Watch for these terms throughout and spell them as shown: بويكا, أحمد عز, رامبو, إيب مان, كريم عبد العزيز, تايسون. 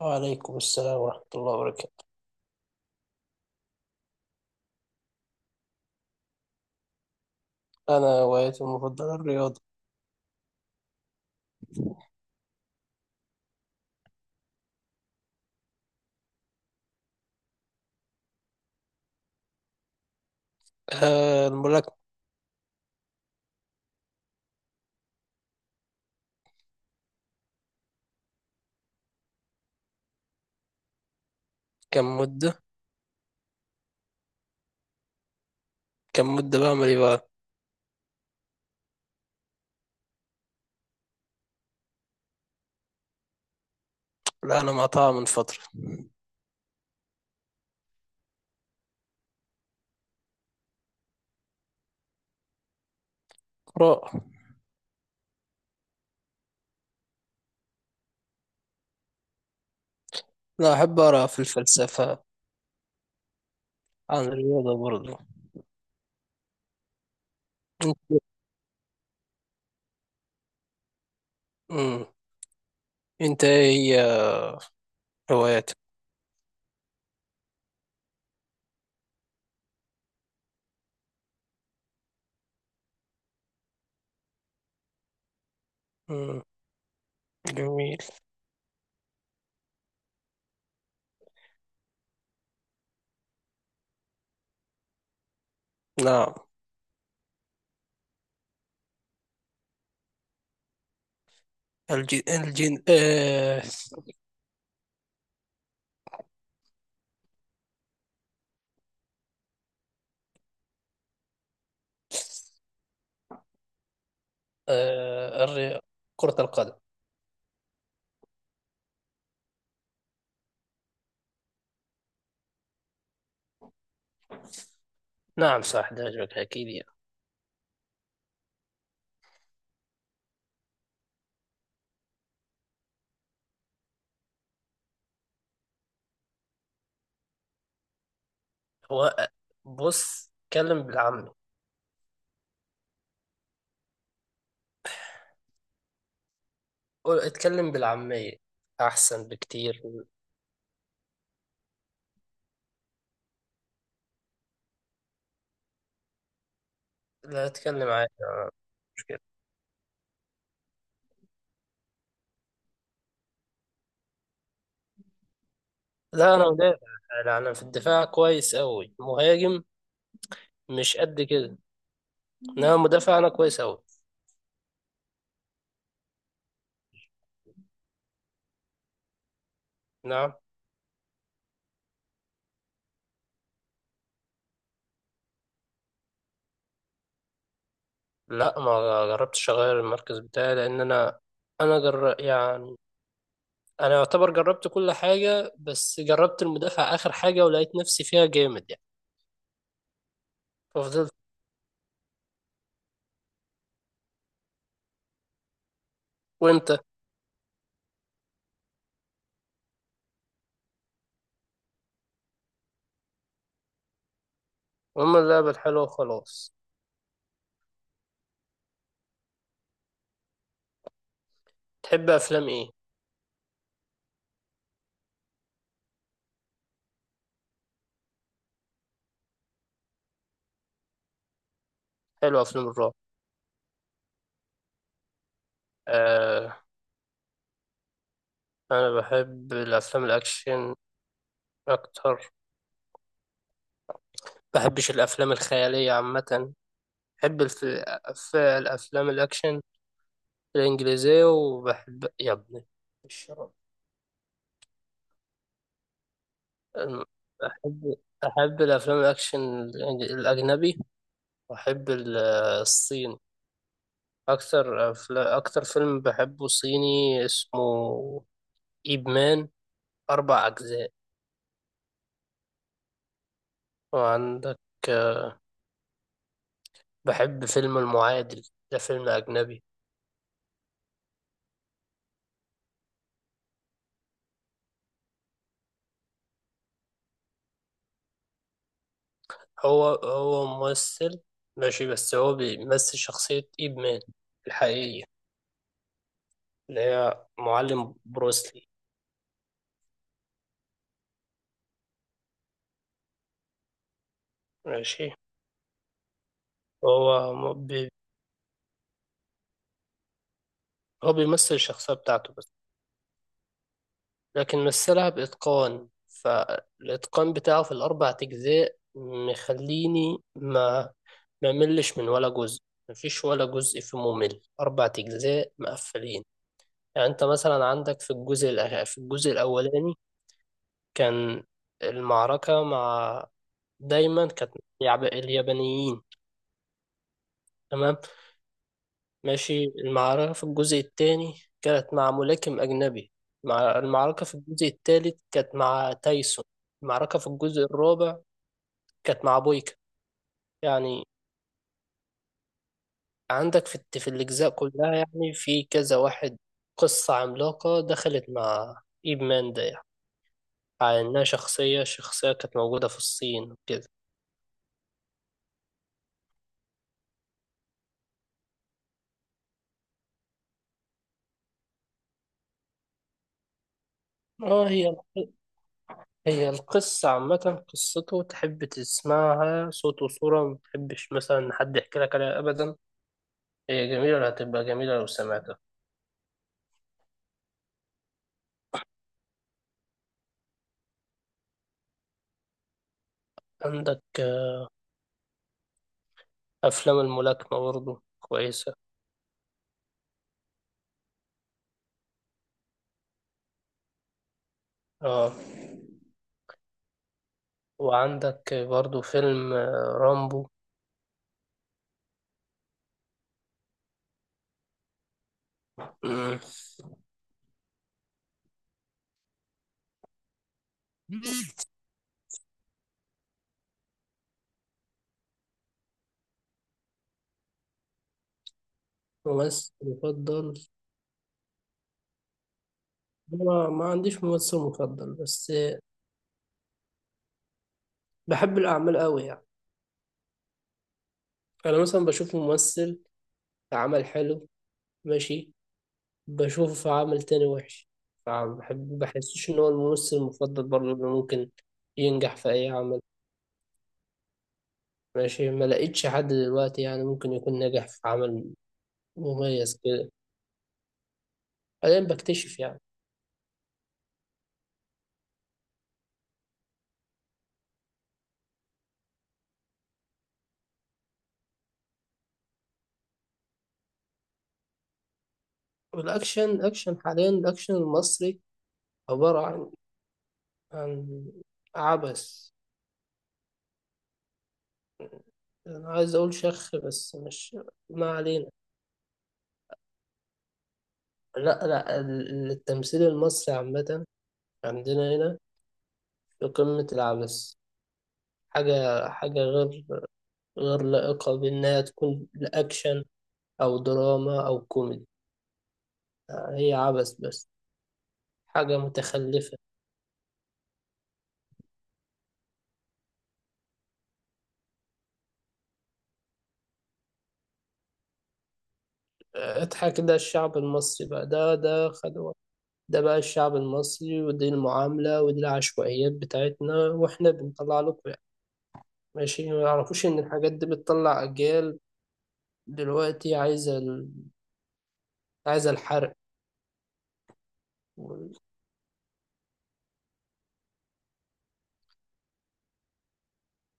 وعليكم السلام ورحمة الله وبركاته. أنا هوايتي المفضلة الرياضة. آه، الملاكمة. كم مدة كم مدة بعمل إيه بقى؟ لا، أنا مقطعها من فترة. قراءة. لا، أحب أقرأ في الفلسفة، عن الرياضة برضه. أنت مم. أنت إيه هي هواياتك؟ مم. جميل. نعم. الجن الجن آه آه الري... كرة القدم. نعم، صح، ده عجبك أكيد يعني. هو بص اتكلم بالعامي، اتكلم بالعامية أحسن بكتير. لا، اتكلم عادي، ما مشكلة. لا، أنا مدافع. لا، أنا في الدفاع كويس أوي، مهاجم مش قد كده، إنما مدافع أنا كويس أوي. نعم. لا، ما جربتش أغير المركز بتاعي لأن أنا يعني أنا يعتبر جربت كل حاجة، بس جربت المدافع آخر حاجة ولقيت نفسي فيها جامد يعني، ففضلت. وأنت؟ هما اللعبة الحلوة وخلاص. تحب أفلام إيه؟ حلوة أفلام الرعب. آه، أنا بحب الأفلام الأكشن أكتر، بحبش الأفلام الخيالية عامة. بحب الأفلام الأكشن الإنجليزية. وبحب يا ابني الشرب. أم- أحب أحب الأفلام الأكشن، الأجنبي. وأحب الصيني. أكتر فيلم بحبه صيني اسمه إيب مان، أربع أجزاء. وعندك، بحب فيلم المعادل، ده فيلم أجنبي. هو ممثل. ماشي، بس هو بيمثل شخصية إيب مان الحقيقية اللي هي معلم بروسلي. ماشي. هو م- بي هو بيمثل الشخصية بتاعته بس، لكن مثلها بإتقان، فالإتقان بتاعه في الأربع أجزاء مخليني ما ملش من ولا جزء، مفيش ولا جزء فيه ممل، أربع أجزاء مقفلين. يعني أنت مثلا عندك في في الجزء الأولاني، كان المعركة مع دايما كانت مع اليابانيين، تمام؟ ماشي، المعركة في الجزء الثاني كانت مع ملاكم أجنبي، المعركة في الجزء الثالث كانت مع تايسون، المعركة في الجزء الرابع كانت مع بويكا. يعني عندك في الأجزاء كلها يعني في كذا واحد، قصة عملاقة دخلت مع إيب مان ده، يعني على إنها شخصية كانت موجودة في الصين وكده. اه، هي القصة عامة، قصته تحب تسمعها صوت وصورة، ما تحبش مثلا إن حد يحكي لك عليها أبدا. هي جميلة، هتبقى جميلة لو سمعتها. عندك أفلام الملاكمة برضه كويسة. اه، وعندك برضه فيلم رامبو. مم. ممثل مفضل. أنا ما عنديش ممثل مفضل، بس بحب الأعمال أوي يعني. أنا مثلا بشوف ممثل عمل حلو، ماشي، بشوفه في عمل تاني وحش. بحسش ان هو الممثل المفضل برضه اللي ممكن ينجح في اي عمل. ماشي، ما لقيتش حد دلوقتي يعني ممكن يكون ناجح في عمل مميز كده. حاليا بكتشف يعني. والاكشن حاليا، الاكشن المصري عبارة عن عبث. انا عايز اقول بس مش، ما علينا. لا لا، التمثيل المصري عامة عندنا هنا في قمة العبث. حاجة حاجة غير لائقة بأنها تكون لأكشن أو دراما أو كوميدي، هي عبث بس، حاجة متخلفة. اضحك ده الشعب المصري بقى، ده خدوة، ده بقى الشعب المصري، ودي المعاملة، ودي العشوائيات بتاعتنا، وإحنا بنطلع لكم يعني. ماشي، ما يعرفوش إن الحاجات دي بتطلع أجيال. دلوقتي عايزة الحرق. و-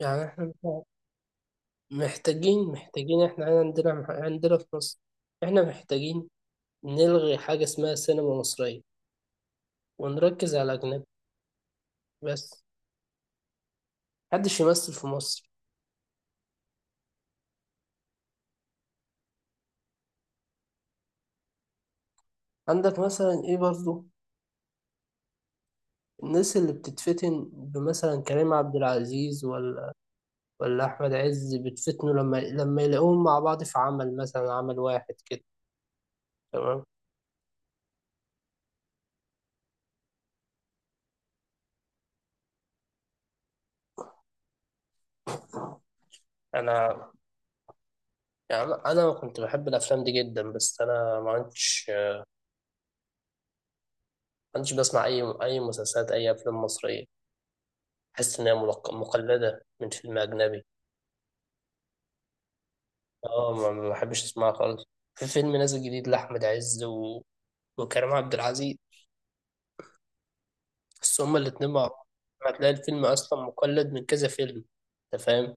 يعني إحنا محتاجين إحنا عندنا في مصر، إحنا محتاجين نلغي حاجة اسمها سينما مصرية ونركز على أجنبي بس، محدش يمثل في مصر. عندك مثلا إيه برضو، الناس اللي بتتفتن بمثلا كريم عبد العزيز ولا أحمد عز بتفتنوا لما يلاقوهم مع بعض في عمل مثلا، عمل واحد كده، تمام؟ أنا يعني، أنا كنت بحب الأفلام دي جدا، بس أنا ما عندش بسمع أي مسلسلات أي أفلام مصرية، بحس إن هي مقلدة من فيلم أجنبي. اه، ما بحبش اسمعها خالص. في فيلم نازل جديد لأحمد عز وكريم عبد العزيز، بس هما الاتنين مع بعض، هتلاقي الفيلم أصلا مقلد من كذا فيلم. أنت فاهم؟